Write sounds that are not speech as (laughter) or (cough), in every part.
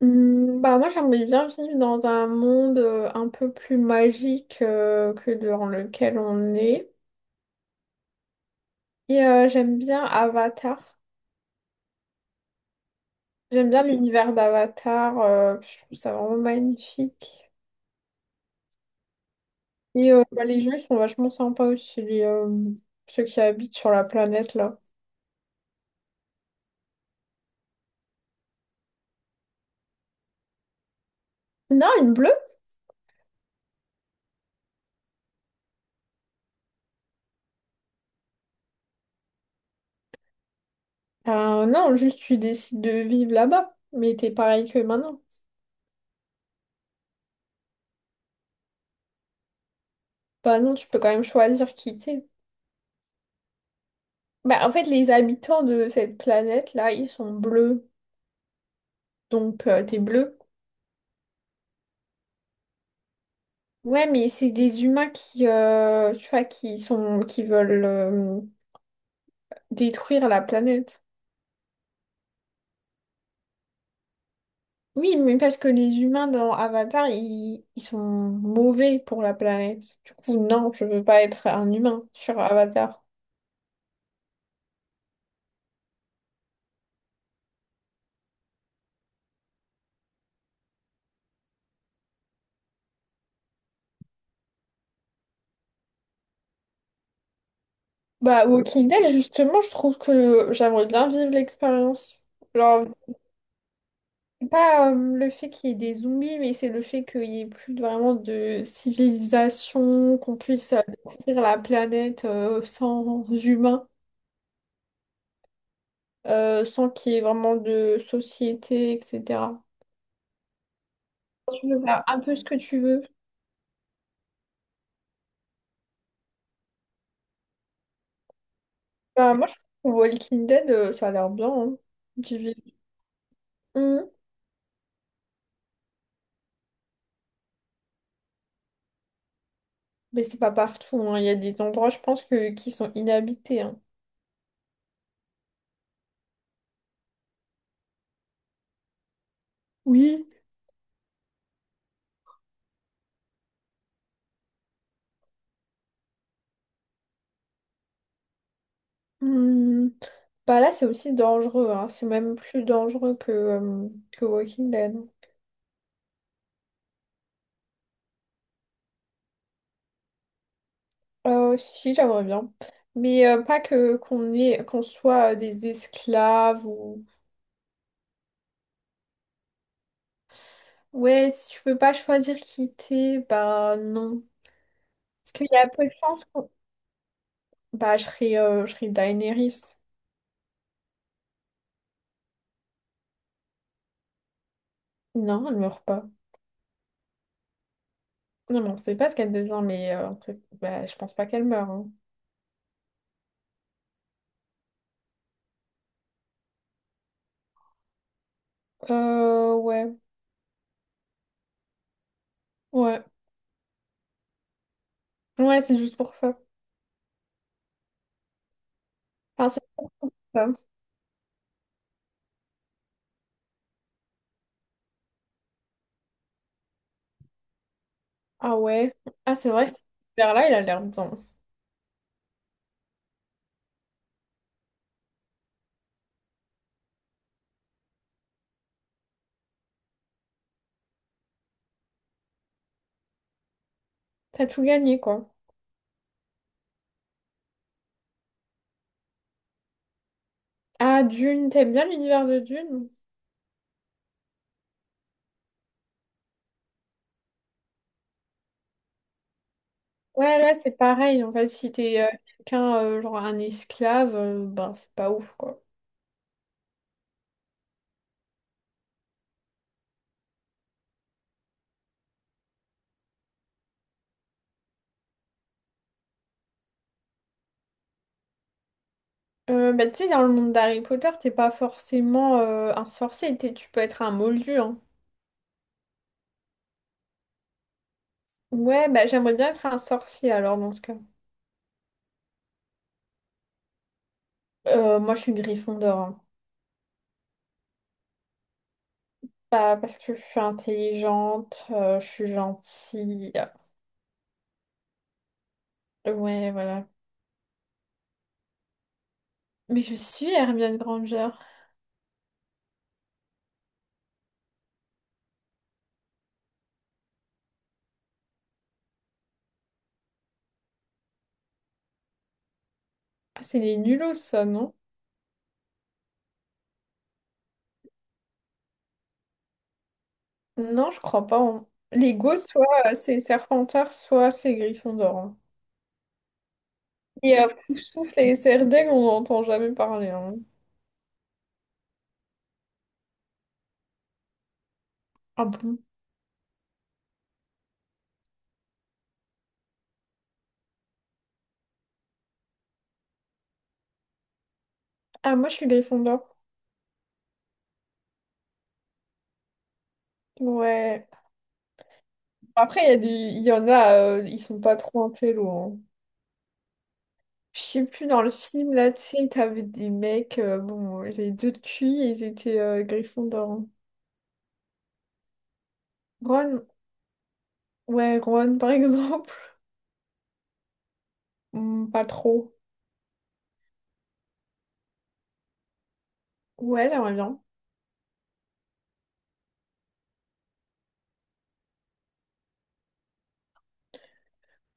Moi j'aimerais bien vivre dans un monde un peu plus magique que dans lequel on est. J'aime bien Avatar. J'aime bien l'univers d'Avatar. Je trouve ça vraiment magnifique. Bah, les gens ils sont vachement sympas aussi, ceux qui habitent sur la planète là. Non, une bleue? Ah, non, juste tu décides de vivre là-bas. Mais t'es pareil que maintenant. Bah non, tu peux quand même choisir qui t'es. Bah, en fait, les habitants de cette planète-là, ils sont bleus. Donc des bleus. Ouais, mais c'est des humains qui, tu vois, qui veulent détruire la planète. Oui, mais parce que les humains dans Avatar, ils sont mauvais pour la planète. Du coup, non, je veux pas être un humain sur Avatar. Bah, Walking Dead, justement, je trouve que j'aimerais bien vivre l'expérience. Genre, pas le fait qu'il y ait des zombies, mais c'est le fait qu'il n'y ait vraiment de civilisation, qu'on puisse découvrir la planète sans humains, sans qu'il y ait vraiment de société, etc. Tu peux faire un peu ce que tu veux. Bah, moi, je trouve que Walking Dead, ça a l'air bien, hein. J'y vais. Hum, Mais c'est pas partout, hein. Il y a des endroits, je pense, qui sont inhabités, hein. Oui. Hum. Bah là, c'est aussi dangereux, hein. C'est même plus dangereux que Walking Dead. Si, j'aimerais bien. Mais pas qu'on soit des esclaves ou... Ouais, si tu peux pas choisir qui t'es, bah non. Parce qu'il y a peu de chances bah, je serais Daenerys. Non, elle meurt pas. Non, mais on sait pas ce qu'elle devient, bah, je pense pas qu'elle meurt. Hein. Ouais. Ouais. Ouais, c'est juste pour ça. Enfin, c'est pour ça. Ah ouais. Ah, c'est vrai, cet univers-là, il a l'air bien. T'as tout gagné, quoi. Ah, Dune, t'aimes bien l'univers de Dune? Ouais, là, c'est pareil. En fait, si t'es quelqu'un, genre un esclave, ben, c'est pas ouf, quoi. Bah, tu sais, dans le monde d'Harry Potter, t'es pas forcément un sorcier. Tu peux être un moldu, hein. Ouais, bah, j'aimerais bien être un sorcier, alors, dans ce cas. Moi, je suis Gryffondor. Hein. Pas parce que je suis intelligente, je suis gentille. Ouais, voilà. Mais je suis Hermione Granger. Ah, c'est les nulos, ça, non? Non, je crois pas. Hein. Les gosses, soit c'est Serpentard, soit c'est Gryffondor. Hein. (laughs) Poufsouffle et Serdaigle, on n'entend jamais parler. Hein. Ah bon? Ah, moi, je suis Gryffondor. Ouais. Après, il y a des... il y en a, ils sont pas trop intello. Hein. Je sais plus, dans le film, là, tu sais, t'avais des mecs, bon, ils avaient deux de QI et ils étaient Gryffondor. Hein. Ron, ouais, Ron, par exemple. (laughs) Hmm, pas trop. Ouais, j'aimerais bien.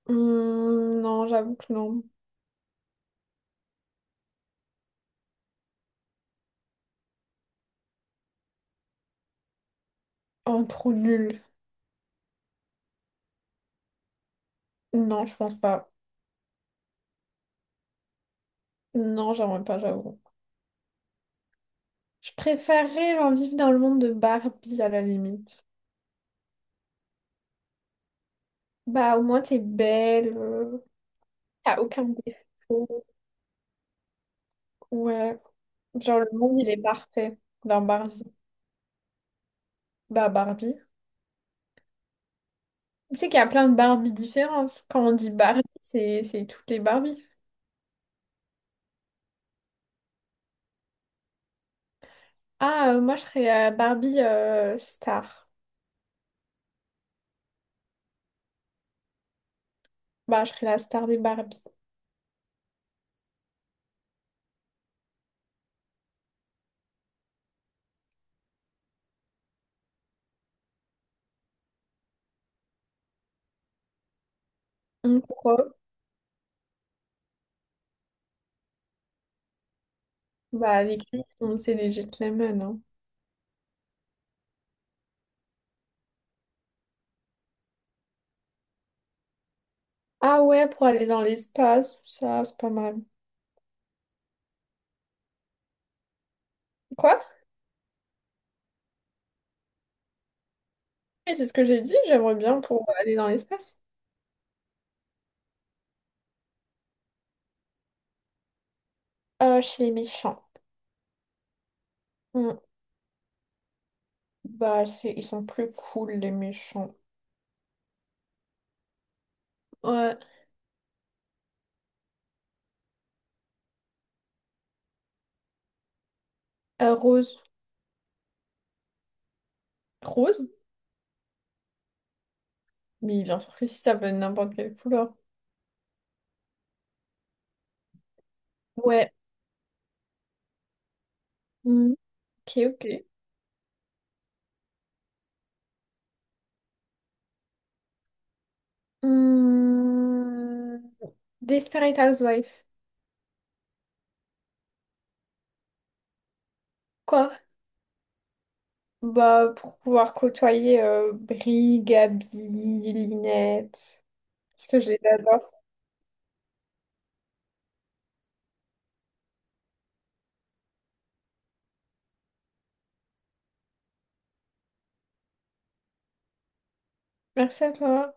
Hmm, non, j'avoue que non. Oh, trop nul. Non, je pense pas. Non, j'aimerais pas, j'avoue. Je préférerais genre, vivre dans le monde de Barbie à la limite. Bah, au moins, t'es belle, t'as aucun défaut. Ouais. Genre, le monde, il est parfait dans Barbie. Bah, Barbie. Tu sais qu'il y a plein de Barbie différentes. Quand on dit Barbie, c'est toutes les Barbies. Moi, je serais la Barbie star. Bah, je serais la star des Barbies. Pourquoi? Bah, les clips, on sait les gentlemen. Hein. Ah ouais, pour aller dans l'espace, tout ça, c'est pas mal. Quoi? Et c'est ce que j'ai dit, j'aimerais bien pour aller dans l'espace. Chez les méchants. Hmm. Bah, c'est... ils sont plus cool, les méchants. Ouais, euh, rose. Rose? Mais bien sûr que si ça peut être n'importe quelle couleur. Ouais. Hmm. Ok, ok. Hmm. Desperate Housewife. Quoi? Bah, pour pouvoir côtoyer Brie, Gabi, Linette. Parce que je les adore. Merci à toi.